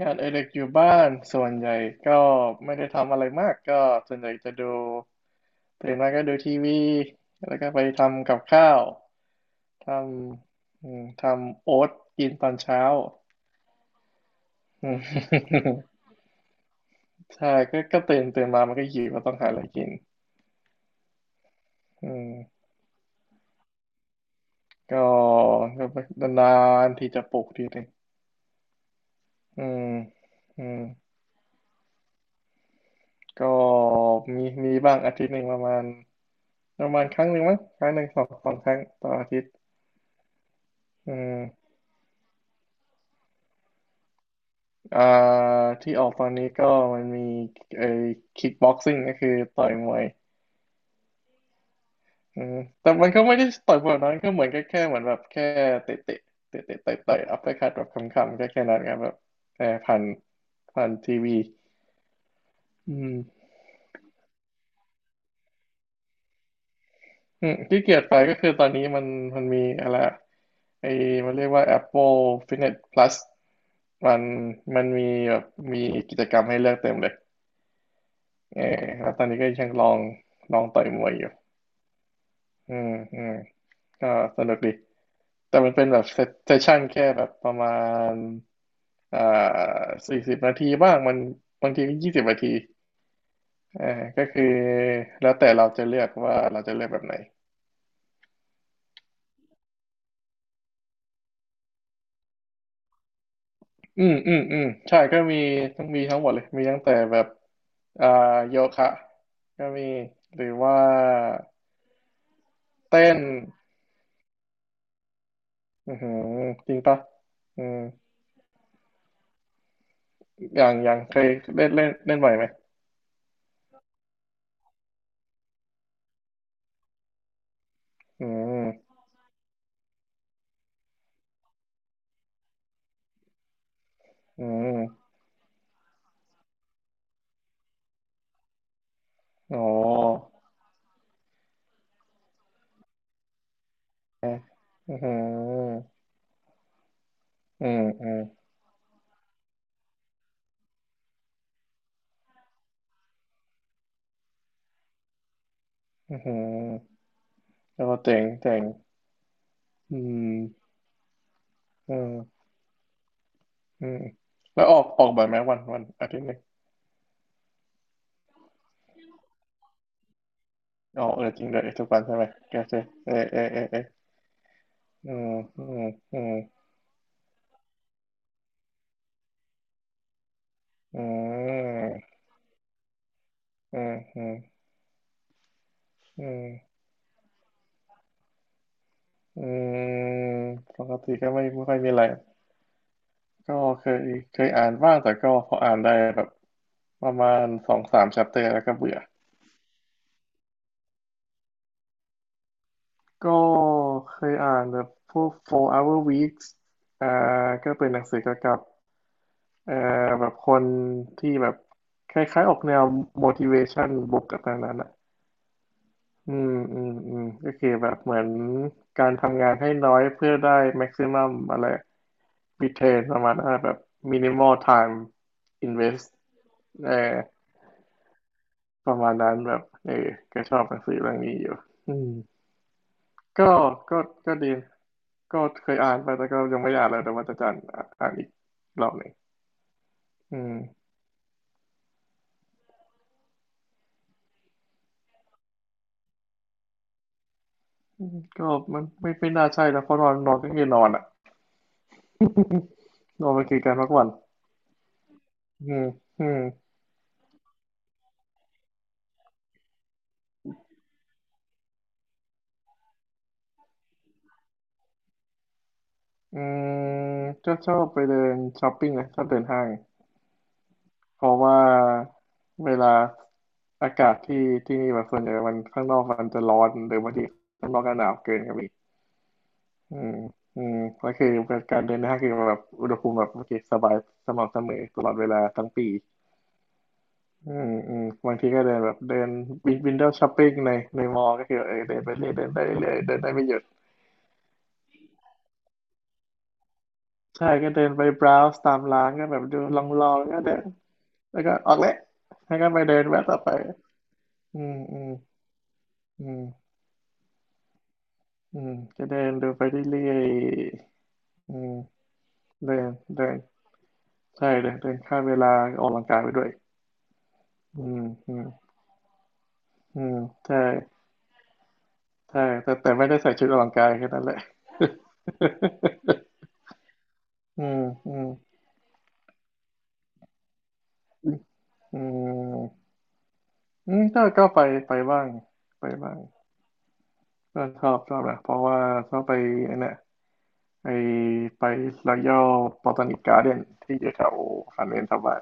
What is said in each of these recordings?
งานเอดิเด็กอยู่บ้านส่วนใหญ่ก็ไม่ได้ทำอะไรมากก็ส่วนใหญ่จะดูตื่นมาก็ดูทีวีแล้วก็ไปทำกับข้าวทำอืมทำโอ๊ตกินตอนเช้า อืม ใช่ก็ตื่นมามันก็หิวก็ต้องหาอะไรกินอืมก็ก็นานๆที่จะปลุกทีหนึ่งอืมอืมก็มีบ้างอาทิตย์หนึ่งประมาณครั้งหนึ่งมั้งครั้งหนึ่งสองครั้งต่ออาทิตย์อืม อ่าที่ออกตอนนี้ก็มันมีไอ้คิกบ็อกซิ่งก็คือต่อยมวยอืมแต่มันก็ไม่ได้ต่อยแบบนั้นก็เหมือนก็แค่เหมือนแบบแค่เตะเตะเตะเตะต่อยต่อยอัปเปอร์คัตแบบคำๆก็แค่นั้นครับแบบเออผ่านผ่านทีวีอืมอืมที่เกียดไปก็คือตอนนี้มันมีอะไรอะไอ้มันเรียกว่า Apple Fitness Plus มันมีแบบมีกิจกรรมให้เลือกเต็มเลยเออแล้วตอนนี้ก็ยังลองต่อยมวยอยู่อืมอืม ก็สนุกดีแต่มันเป็นแบบเซสชั่นแค่แบบประมาณอ่า40 นาทีบ้างมันบางทีก็20 นาทีเอาก็คือแล้วแต่เราจะเลือกว่าเราจะเลือกแบบไหนอืมอืมอืมใช่ก็มีทั้งหมดเลยมีตั้งแต่แบบอ่าโยคะก็มีหรือว่าเต้นอือหือจริงปะอืมอย่างเคยเล่นเล่นเล่นบ่อยไหมอืมอืมอ๋ออือหือ อืมอืมอืมแล้วก็เจ๋งเจ๋งอืมอืมอืมแล้วออกบ่อยไหมวันอาทิตย์หนึ่งออกเออจริงเลยทุกวันใช่ไหมแกเจเออเออเออเอออืมอืมอืมอืมอืมอืมอืมอืมปกติก็ไม่ค่อยมีอะไรก็เคยเคยอ่านบ้างแต่ก็พออ่านได้แบบประมาณสองสาม chapter แล้วก็เบื่อก็เคยอ่านแบบพวก four hour weeks อ่าก็เป็นหนังสือเกี่ยวกับ เอ่อแบบคนที่แบบคล้ายๆออกแนว motivation บวกกับนั้นอ่ะอืมอืมอืมก็คือแบบเหมือนการทำงานให้น้อยเพื่อได้ maximum อะไร return ประมาณนั้นอะแบบ minimal time invest เออประมาณนั้นแบบเออก็ชอบหนังสือเรื่องนี้อยู่อืมก็ก็ก็ดีก็เคยอ่านไปแต่ก็ยังไม่ได้อ่านเลยแต่ว่าจะอ่านอีกรอบหนึ่งอืมก็มันไม่น่าใช่นะเพราะนอนนอนก็คือนอนอ่ะ เราไปคุยกันพักผ่อนอืมอืมอืมก็ชอบไปเดินช้อปปิ้งนะชอบเดินห้างเพราะว่าเวลาอากาศที่ที่นี่แบบส่วนใหญ่มันข้างนอกมันจะร้อนหรือบางทีข้างนอกก็หนาวเกินครับอีกอืมอืมก็คือการเดินห้างคือแบบอุณหภูมิแบบโอเคสบายสม่ำเสมอตลอดเวลาทั้งปีอืมอืมบางทีก็เดินแบบเดินวินโดว์ช้อปปิ้งในในมอลล์ก็คือเออเดินไปเรื่อยเดินไปเรื่อยเดินได้ไม่หยุด ใช่ก็เดินไป browse ตามร้านก็แบบดูลองๆแล้วก็เดินแล้วก็ออกแล้วก็ไปเดินแวะต่อไปอืมอืมอืมอืมจะเดินดูไปเรื่อยๆอืมเดินเดินใช่เดินเดินข้าเวลาออกกำลังกายไปด้วยอืมอืมอืมใช่ใช่แต่ไม่ได้ใส่ชุดออกกำลังกายแค่นั้นแหละ อืมอืมอืมอืมก็ไปบ้างไปบ้างก็ชอบนะเพราะว่าชอบไปไอ้เนี่ย ไอไปรอยัลบอตานิกการ์เดนที่อยู่แถวซันเดนทับบ้าน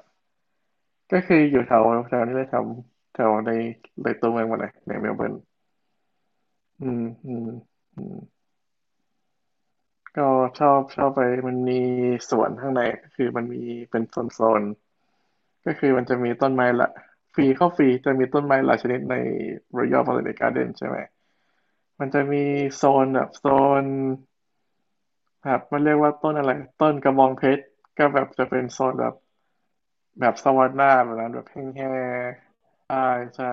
ก็คืออยู่แถวแถวนี้เลยแถวแถวในเลยตัวเมืองหมาเลยในเมลเบิร์นอืมอืมอืมก็ชอบไปมันมีสวนข้างในก็คือมันมีเป็นโซนก็คือมันจะมีต้นไม้ละฟรีเข้าฟรีจะมีต้นไม้หลายชนิดในรอย a l b อต a นิก g า r d เดนใช่ไหมมันจะมีโซนแบบมันเรียกว่าต้นอะไรต้นกระบองเพชรก็แบบจะเป็นโซนแบบ แบบสวัสดหน้าแบบนั้นแบบแห้งๆใช่ใช่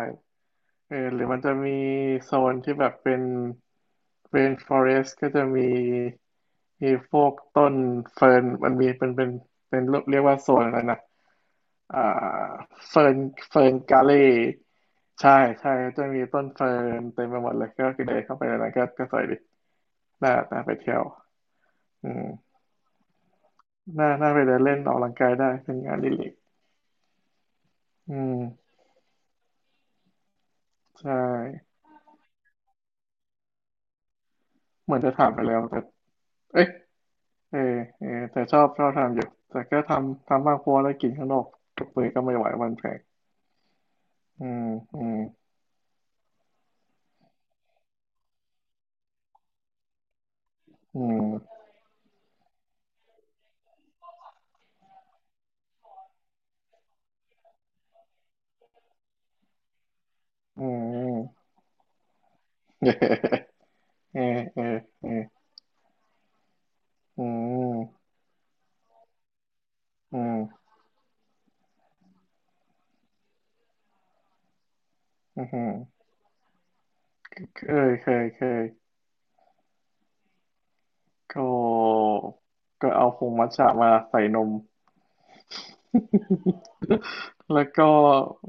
เออหรือมันจะมีโซนที่แบบเป็นเ n f ฟอเรสก็จะมีมีพวกต้นเฟิร์นมันมีเป็นเรียกว่าโซนอะไรนะอ่าเฟิร์นเฟิร์นกาเล่ใช่ใช่จะมีต้นเฟิร์นเต็มไปหมดเลยก็คือเดินเข้าไปในนั้นก็สวยดีน่าไปเที่ยวอืมน่าไปเดินเล่นออกกำลังกายได้เป็นงานอดิเรกอืมใช่เหมือนจะถามไปแล้วแต่เอ้ย เออเออแต่ชอบทำอยู่แต่ก็ทำบ้างเพราะว่าได้กินข้างนอกกับมือก็ไม่ไหวมันแพงอืมอืมอืมอืมเออเออเออเอออืมอืมอืมเคเคยเคยก็เอาผงมัทฉะมาใส่นม แล้วก็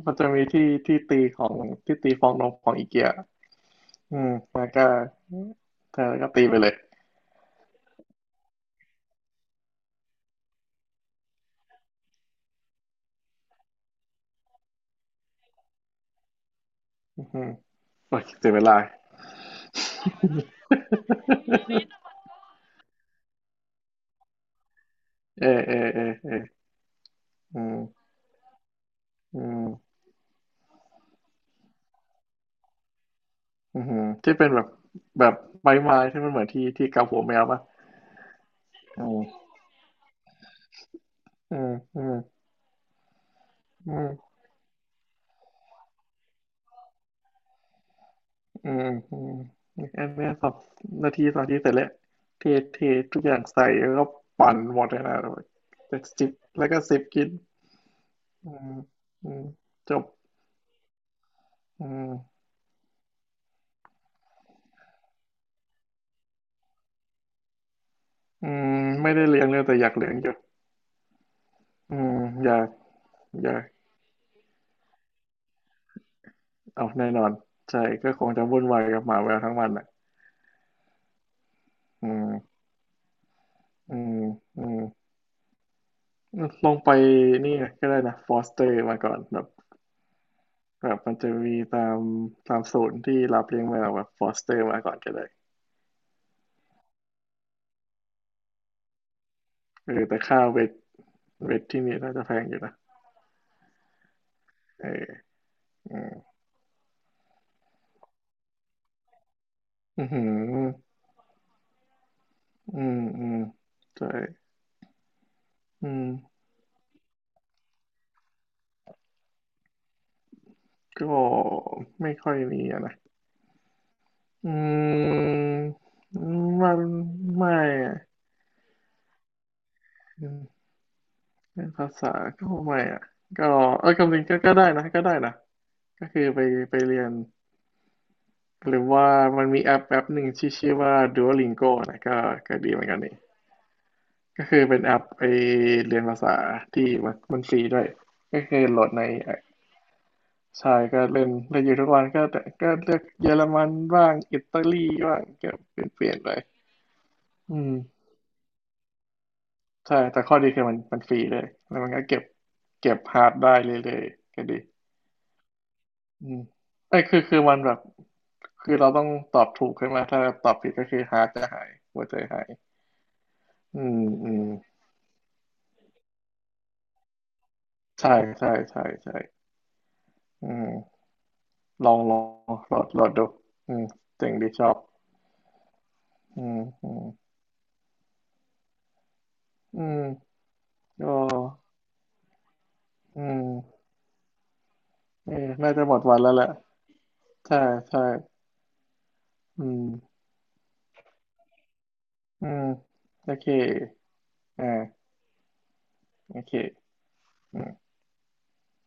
มันจะมีที่ตีของที่ตีฟองนมของอีเกียอืมแล้วก็เธอก็ตีไปเลยอืมโอ้ยเสียเวลา เออเออเออเอออืมอืมอืมที่เป็นแบบแบบไม้ที่มันเหมือนที่เกาหัวแมวป่ะอืมอืมอืมอืมอืมอืมอันเนี้ยสองนาทีเสร็จแล้วเทเททุกอย่างใส่แล้วก็ปั่นหมดเลยนะแต่จิบแล้วก็สิบกินอืมอืมจบอืมอืมไม่ได้เลี้ยงเลยแต่อยากเลี้ยงอยู่อืมอยากอยาก เอาแน่นอนใช่ก็คงจะวุ่นวายกับหมาแมวทั้งวันแหละอืมอืมอืมลองไปนี่ก็ได้นะฟอสเตอร์มาก่อนแบบแบบมันจะมีตามศูนย์ที่รับเลี้ยงแมวแบบฟอสเตอร์มาก่อนก็ได้เออแต่ค่าเวทเวทที่นี่น่าจะแพงอยู่นะเอออืมอือหืออืมอืมใช่อืมก็ไม่ค่อยมีอะนะอืมมันไม่อะ เรื่องภาษาก็ไม่อ่ะก็เออคำลังก็ได้นะก็คือไปไปเรียนหรือว่ามันมีแอปหนึ่งที่ชื่อว่า Duolingo นะก็ก็ดีเหมือนกันนี่ก็คือเป็นแอปไปเรียนภาษาที่มันฟรีด้วยก็คือโหลดในใช่ก็เล่นเล่นอยู่ทุกวันก็แต่ก็เลือกเยอรมันบ้างอิตาลีบ้างก็เปลี่ยนไปอืมใช่แต่ข้อดีคือมันฟรีเลยแล้วมันก็เก็บฮาร์ดได้เรื่อยๆก็ดี อืมไอ้ยคือมันแบบคือเราต้องตอบถูกใช่ไหมถ้าตอบผิดก็คือฮาร์ทจะหายหัวใจหายอืมอืมใช่ใช่ใช่อืมลองโหลดดูอืมเจ๋งดีชอบอืมอืมอืมก็อืมเออน่าจะหมดวันแล้วแหละใช่ใช่อืมอืมโอเคอ่าโอเค